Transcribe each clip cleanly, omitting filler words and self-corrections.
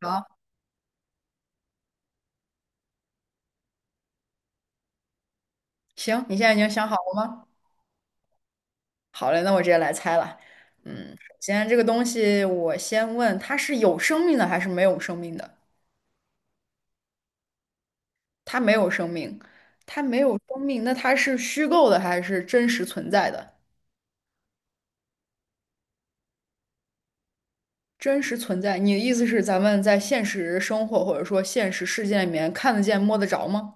好，行，你现在已经想好了吗？好嘞，那我直接来猜了。嗯，首先这个东西，我先问它是有生命的还是没有生命的？它没有生命，它没有生命，那它是虚构的还是真实存在的？真实存在，你的意思是咱们在现实生活或者说现实世界里面看得见、摸得着吗？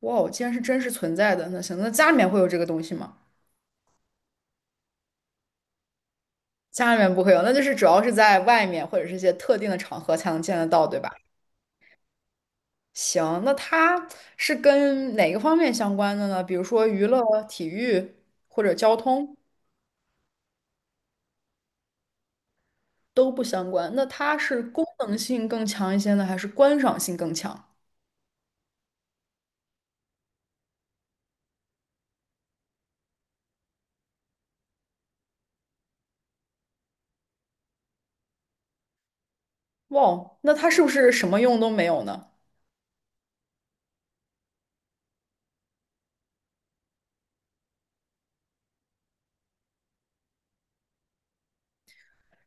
哇哦，既然是真实存在的，那行，那家里面会有这个东西吗？家里面不会有，那就是主要是在外面或者是一些特定的场合才能见得到，对吧？行，那它是跟哪个方面相关的呢？比如说娱乐、体育或者交通都不相关。那它是功能性更强一些呢，还是观赏性更强？哇，那它是不是什么用都没有呢？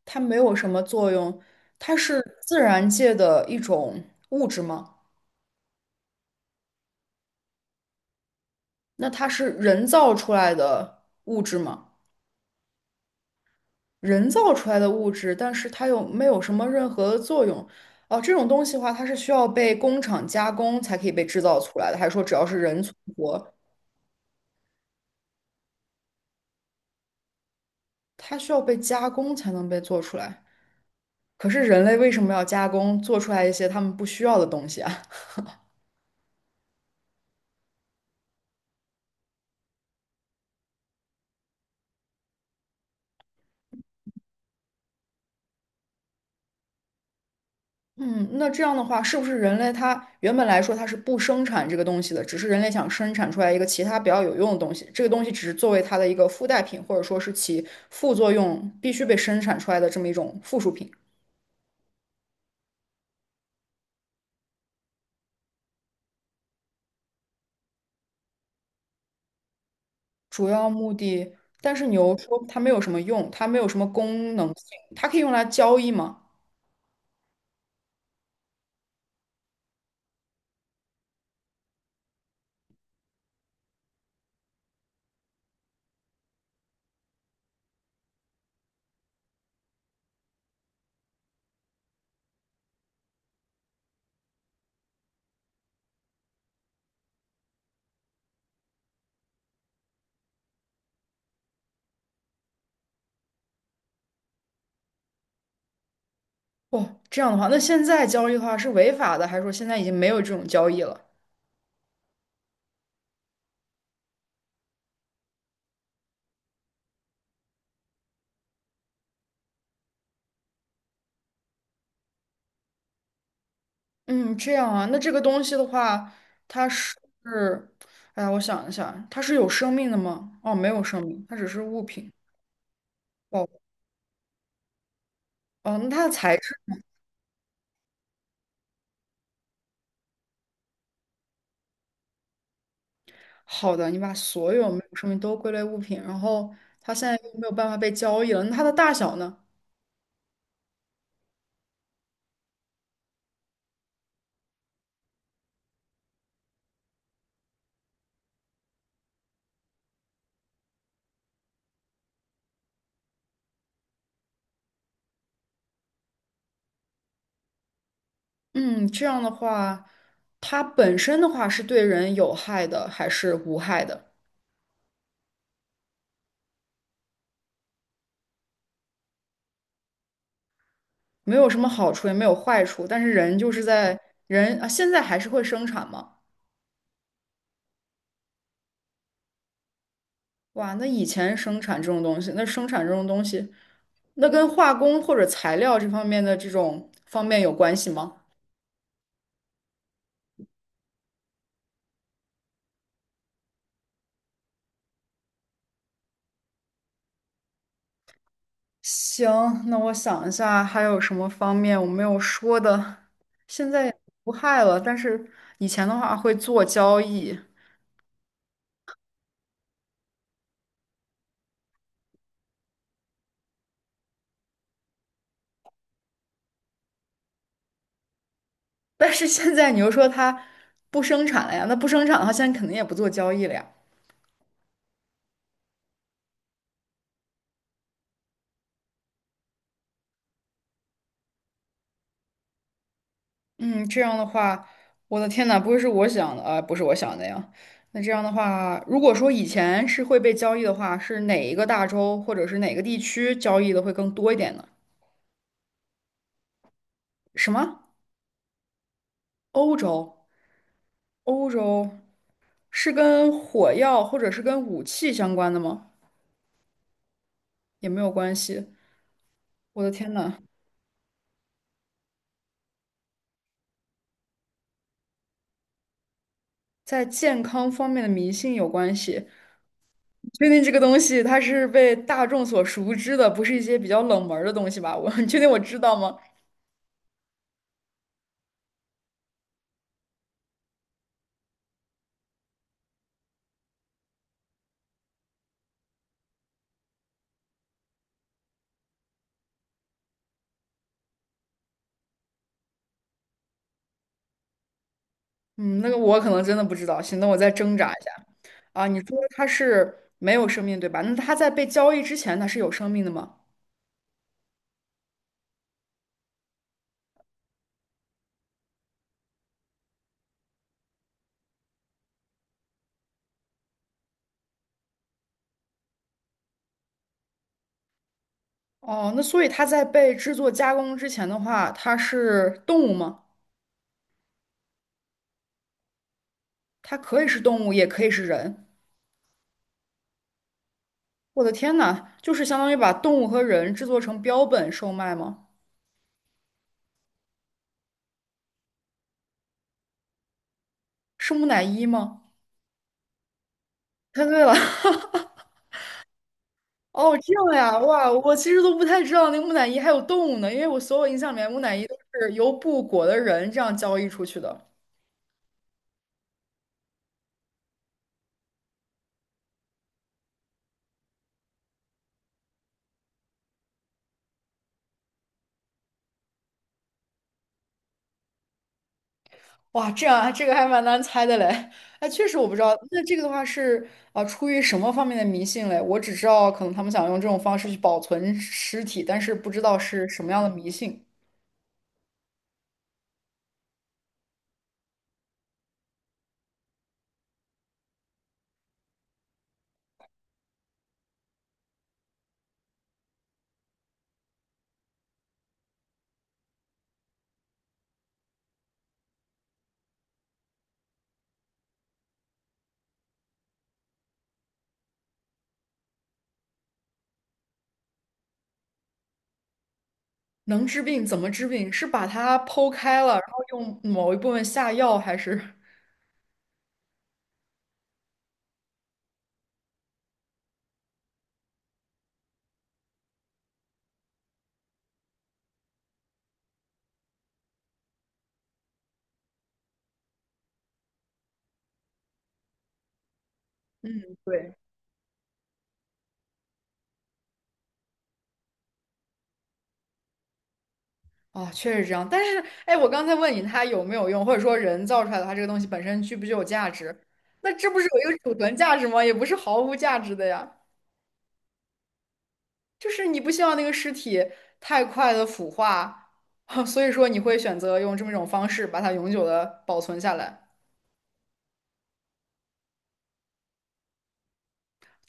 它没有什么作用，它是自然界的一种物质吗？那它是人造出来的物质吗？人造出来的物质，但是它又没有什么任何的作用。哦，这种东西的话，它是需要被工厂加工才可以被制造出来的，还是说只要是人存活，它需要被加工才能被做出来？可是人类为什么要加工做出来一些他们不需要的东西啊？嗯，那这样的话，是不是人类它原本来说它是不生产这个东西的，只是人类想生产出来一个其他比较有用的东西，这个东西只是作为它的一个附带品，或者说是其副作用必须被生产出来的这么一种附属品？主要目的，但是你又说它没有什么用，它没有什么功能性，它可以用来交易吗？哦，这样的话，那现在交易的话是违法的，还是说现在已经没有这种交易了？嗯，这样啊，那这个东西的话，它是，哎呀，我想一下，它是有生命的吗？哦，没有生命，它只是物品。哦，哦，那它的材质，好的，你把所有没有生命都归类物品，然后它现在又没有办法被交易了，那它的大小呢？嗯，这样的话，它本身的话是对人有害的还是无害的？没有什么好处，也没有坏处，但是人就是在人啊，现在还是会生产嘛。哇，那以前生产这种东西，那生产这种东西，那跟化工或者材料这方面的这种方面有关系吗？行，那我想一下，还有什么方面我没有说的？现在也无害了，但是以前的话会做交易。但是现在你又说它不生产了呀，那不生产的话，现在肯定也不做交易了呀。嗯，这样的话，我的天呐，不会是我想的啊，不是我想的呀。那这样的话，如果说以前是会被交易的话，是哪一个大洲或者是哪个地区交易的会更多一点呢？什么？欧洲？欧洲是跟火药或者是跟武器相关的吗？也没有关系。我的天呐，在健康方面的迷信有关系。确定这个东西它是被大众所熟知的，不是一些比较冷门儿的东西吧？我 你确定我知道吗？嗯，那个我可能真的不知道。行，那我再挣扎一下啊。你说它是没有生命，对吧？那它在被交易之前，它是有生命的吗？哦，那所以它在被制作加工之前的话，它是动物吗？它可以是动物，也可以是人。我的天呐，就是相当于把动物和人制作成标本售卖吗？是木乃伊吗？猜对了。哦，这样呀，哇，我其实都不太知道那个木乃伊还有动物呢，因为我所有印象里面木乃伊都是由布裹的人这样交易出去的。哇，这样啊这个还蛮难猜的嘞。哎，确实我不知道。那这个的话是出于什么方面的迷信嘞？我只知道可能他们想用这种方式去保存尸体，但是不知道是什么样的迷信。能治病怎么治病？是把它剖开了，然后用某一部分下药，还是？嗯，对。哦，确实这样。但是，哎，我刚才问你它有没有用，或者说人造出来的它这个东西本身具不具有价值？那这不是有一个储存价值吗？也不是毫无价值的呀。就是你不希望那个尸体太快的腐化，所以说你会选择用这么一种方式把它永久的保存下来。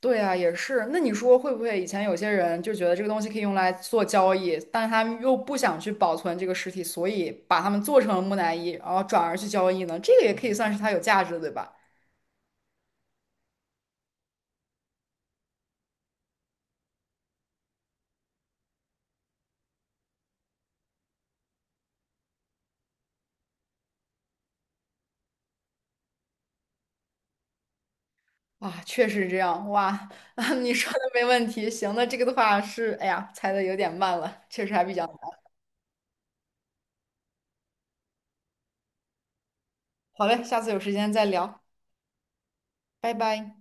对啊，也是。那你说会不会以前有些人就觉得这个东西可以用来做交易，但是他们又不想去保存这个尸体，所以把它们做成了木乃伊，然后转而去交易呢？这个也可以算是它有价值的，对吧？哇，确实这样。哇，你说的没问题。行，那这个的话是，哎呀，猜的有点慢了，确实还比较难。好嘞，下次有时间再聊，拜拜。